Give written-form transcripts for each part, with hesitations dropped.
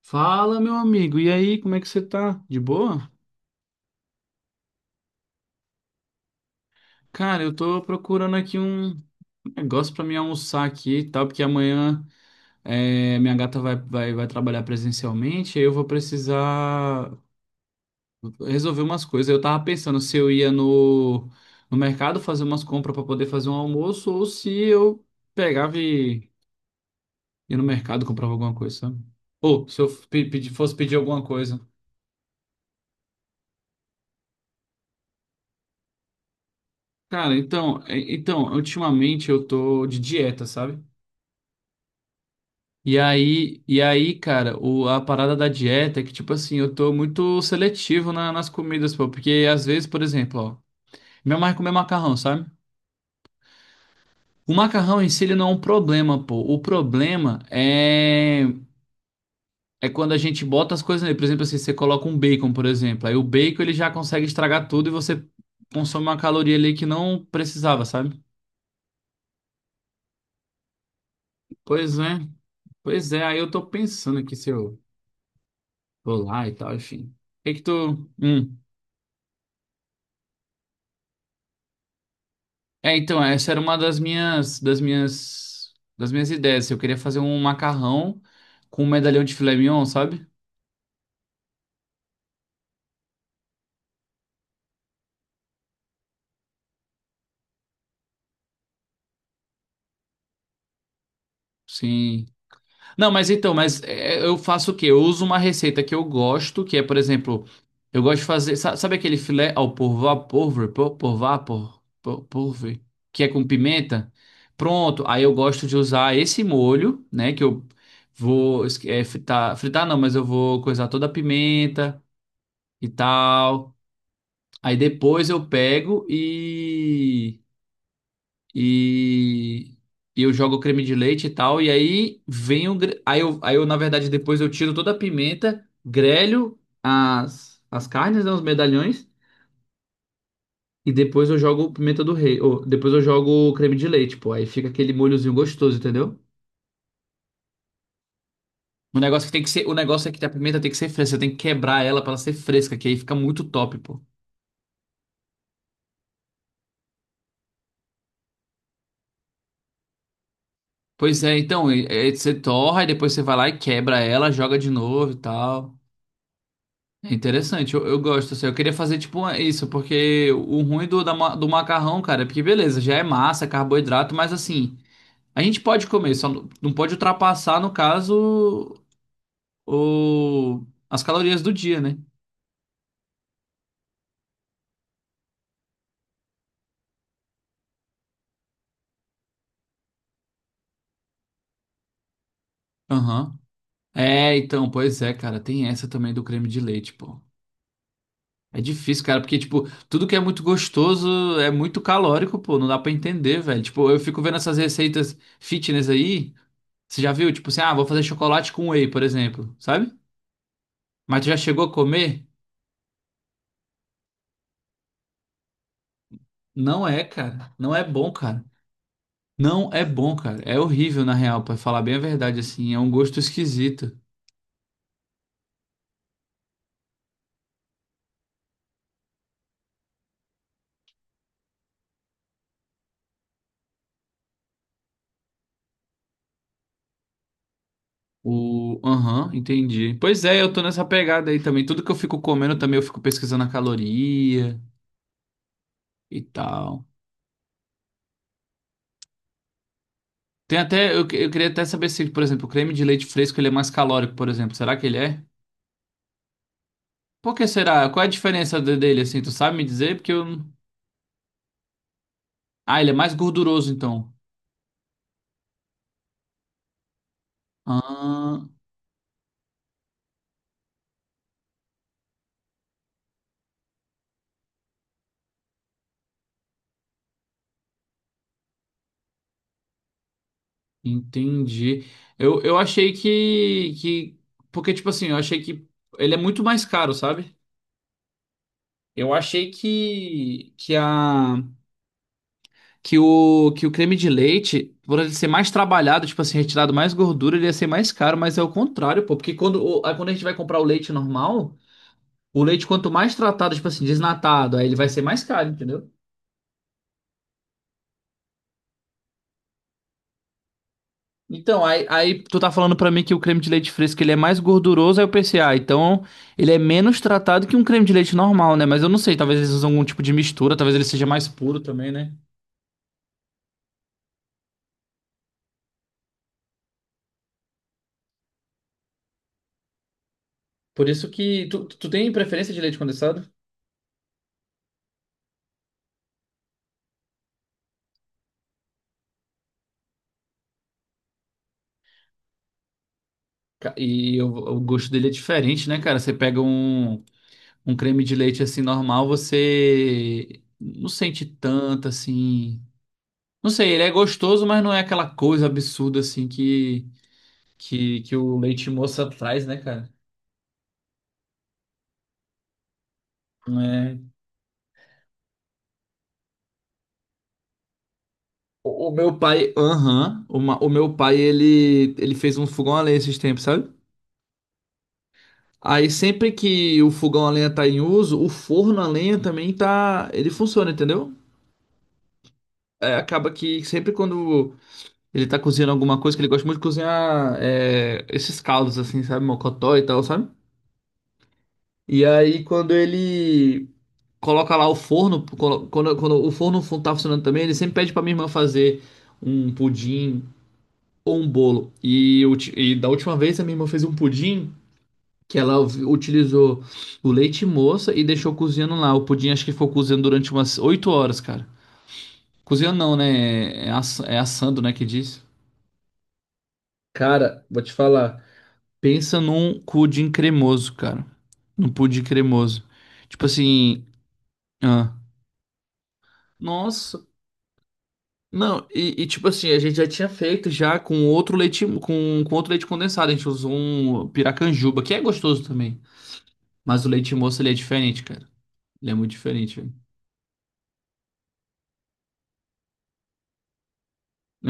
Fala, meu amigo. E aí, como é que você tá? De boa? Cara, eu tô procurando aqui um negócio pra mim almoçar aqui e tal, porque amanhã minha gata vai trabalhar presencialmente, aí eu vou precisar resolver umas coisas. Eu tava pensando se eu ia no mercado fazer umas compras pra poder fazer um almoço, ou se eu pegava e ia no mercado comprava alguma coisa, sabe? Ou se eu fosse pedir alguma coisa. Cara, então, então, ultimamente eu tô de dieta, sabe? Cara, a parada da dieta é que, tipo assim, eu tô muito seletivo nas comidas, pô, porque às vezes, por exemplo, ó, minha mãe comer macarrão, sabe? O macarrão em si, ele não é um problema, pô. O problema é quando a gente bota as coisas nele. Por exemplo, assim, você coloca um bacon, por exemplo. Aí o bacon, ele já consegue estragar tudo e você consome uma caloria ali que não precisava, sabe? Pois é, pois é. Aí eu tô pensando aqui se eu vou lá e tal, enfim. O que que tu.... É, então, essa era uma das minhas ideias. Assim, eu queria fazer um macarrão com um medalhão de filé mignon, sabe? Sim. Não, mas então, mas é, eu faço o quê? Eu uso uma receita que eu gosto, que é, por exemplo, eu gosto de fazer, sabe aquele filé ao por vapor, por porvar, por vapor, por porve, que é com pimenta? Pronto. Aí eu gosto de usar esse molho, né, que eu vou es- é, fritar, fritar não, mas eu vou coisar toda a pimenta e tal. Aí depois eu pego e, e eu jogo o creme de leite e tal. E aí vem o. gre- Aí eu, na verdade, depois eu tiro toda a pimenta, grelho as carnes, né, os medalhões. E depois eu jogo pimenta do rei. Ou, depois eu jogo o creme de leite, pô. Aí fica aquele molhozinho gostoso, entendeu? O negócio é que a pimenta tem que ser fresca, você tem que quebrar ela pra ela ser fresca, que aí fica muito top, pô. Pois é, então, e você torra e depois você vai lá e quebra ela, joga de novo e tal. É interessante, eu gosto, assim, eu queria fazer tipo isso, porque o ruim do macarrão, cara, é porque beleza, já é massa, é carboidrato, mas assim, a gente pode comer, só não pode ultrapassar, no caso, as calorias do dia, né? Aham. É, então, pois é, cara, tem essa também do creme de leite, pô. É difícil, cara, porque, tipo, tudo que é muito gostoso é muito calórico, pô, não dá pra entender, velho. Tipo, eu fico vendo essas receitas fitness aí, você já viu? Tipo assim, ah, vou fazer chocolate com whey, por exemplo, sabe? Mas tu já chegou a comer? Não é, cara. Não é bom, cara. Não é bom, cara. É horrível, na real, pra falar bem a verdade, assim. É um gosto esquisito. O. Aham, entendi. Pois é, eu tô nessa pegada aí também. Tudo que eu fico comendo também, eu fico pesquisando a caloria e tal. Tem até. Eu queria até saber se, por exemplo, o creme de leite fresco ele é mais calórico, por exemplo. Será que ele é? Por que será? Qual é a diferença dele, assim? Tu sabe me dizer? Porque eu. Ah, ele é mais gorduroso, então. Ah. Entendi. Eu achei que, que. Porque, tipo assim, eu achei que ele é muito mais caro, sabe? Eu achei que o creme de leite, por ele ser mais trabalhado, tipo assim, retirado mais gordura, ele ia ser mais caro, mas é o contrário, pô. Porque quando, aí quando a gente vai comprar o leite normal, o leite, quanto mais tratado, tipo assim, desnatado, aí ele vai ser mais caro, entendeu? Então, aí tu tá falando pra mim que o creme de leite fresco ele é mais gorduroso, aí eu pensei, ah, então ele é menos tratado que um creme de leite normal, né? Mas eu não sei, talvez eles usam algum tipo de mistura, talvez ele seja mais puro também, né? Por isso que tu tem preferência de leite condensado? E o gosto dele é diferente, né, cara? Você pega um creme de leite assim normal, você não sente tanto assim. Não sei, ele é gostoso, mas não é aquela coisa absurda assim que o leite moça traz, né, cara? O meu pai, aham, o meu pai, ele fez um fogão a lenha esses tempos, sabe? Aí sempre que o fogão a lenha tá em uso, o forno a lenha também tá, ele funciona, entendeu? É, acaba que sempre quando ele tá cozinhando alguma coisa, que ele gosta muito de cozinhar é, esses caldos assim, sabe? Mocotó e tal, sabe? E aí quando ele coloca lá o forno, quando o forno tá funcionando também, ele sempre pede pra minha irmã fazer um pudim ou um bolo. E da última vez a minha irmã fez um pudim que ela utilizou o leite moça e deixou cozinhando lá. O pudim acho que ficou cozinhando durante umas 8 horas, cara. Cozinhando não, né? É, é assando, né, que diz. Cara, vou te falar. Pensa num pudim cremoso, cara. Num pudim cremoso. Tipo assim, ah, nossa. Não, e tipo assim, a gente já tinha feito já com outro leite, com outro leite condensado. A gente usou um piracanjuba, que é gostoso também. Mas o leite moço, ele é diferente, cara. Ele é muito diferente, velho.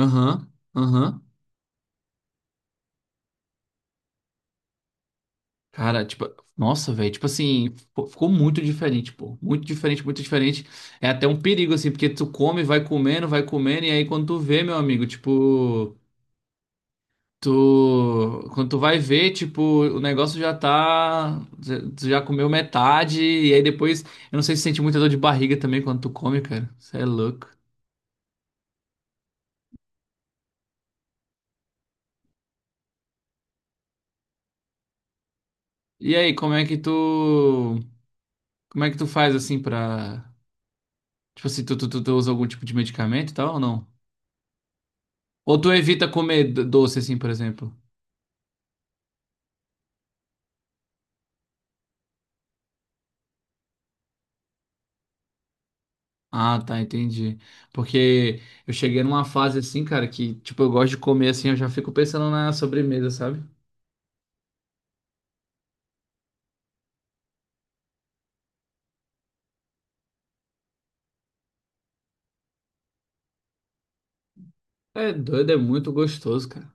Aham, aham. Cara, tipo, nossa, velho. Tipo assim, ficou muito diferente, pô. Muito diferente, muito diferente. É até um perigo, assim, porque tu come, vai comendo, e aí quando tu vê, meu amigo, tipo. Tu, quando tu vai ver, tipo, o negócio já tá. Tu já comeu metade, e aí depois. Eu não sei se sente muita dor de barriga também quando tu come, cara. Você é louco. E aí, como é que tu. Como é que tu faz assim pra. Tipo assim, tu usa algum tipo de medicamento e tal ou não? Ou tu evita comer doce, assim, por exemplo? Ah, tá, entendi. Porque eu cheguei numa fase assim, cara, que, tipo, eu gosto de comer assim, eu já fico pensando na sobremesa, sabe? É doido, é muito gostoso, cara.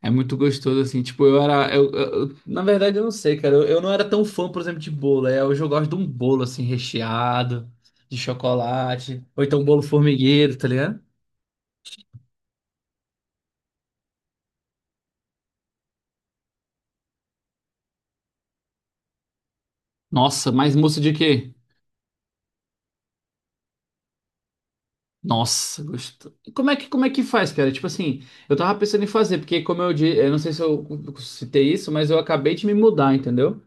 É muito gostoso, assim, tipo, eu era. Na verdade, eu não sei, cara. Eu não era tão fã, por exemplo, de bolo. É, hoje eu gosto de um bolo, assim, recheado, de chocolate. Ou então um bolo formigueiro, tá ligado? Nossa, mas mousse de quê? Nossa, gostoso. Como é que faz, cara? Tipo assim, eu tava pensando em fazer, porque como eu disse, eu não sei se eu citei isso, mas eu acabei de me mudar, entendeu?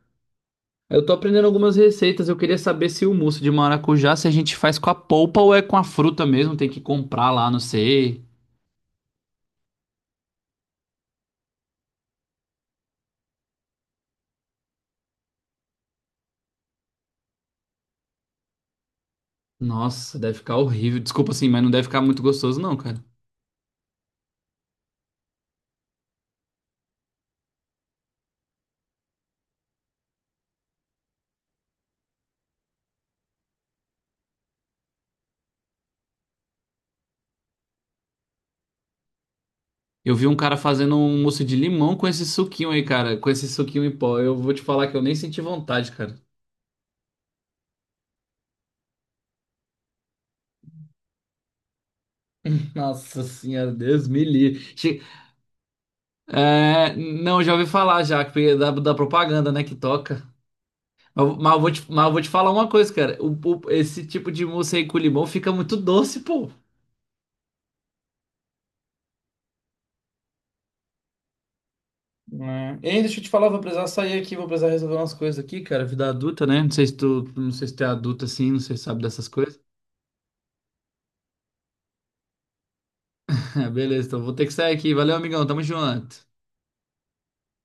Eu tô aprendendo algumas receitas, eu queria saber se o mousse de maracujá, se a gente faz com a polpa ou é com a fruta mesmo, tem que comprar lá, não sei. Nossa, deve ficar horrível. Desculpa assim, mas não deve ficar muito gostoso não, cara. Eu vi um cara fazendo um mousse de limão com esse suquinho aí, cara, com esse suquinho em pó. Eu vou te falar que eu nem senti vontade, cara. Nossa senhora, Deus me livre. É, não, já ouvi falar já, porque da propaganda, né, que toca. Mas eu vou te falar uma coisa, cara. Esse tipo de mousse aí com limão fica muito doce, pô. Né? Ei, deixa eu te falar, vou precisar sair aqui, vou precisar resolver umas coisas aqui, cara. Vida adulta, né? Não sei se tu, não sei se tu é adulto assim, não sei se sabe dessas coisas. Beleza, então vou ter que sair aqui. Valeu, amigão, tamo junto.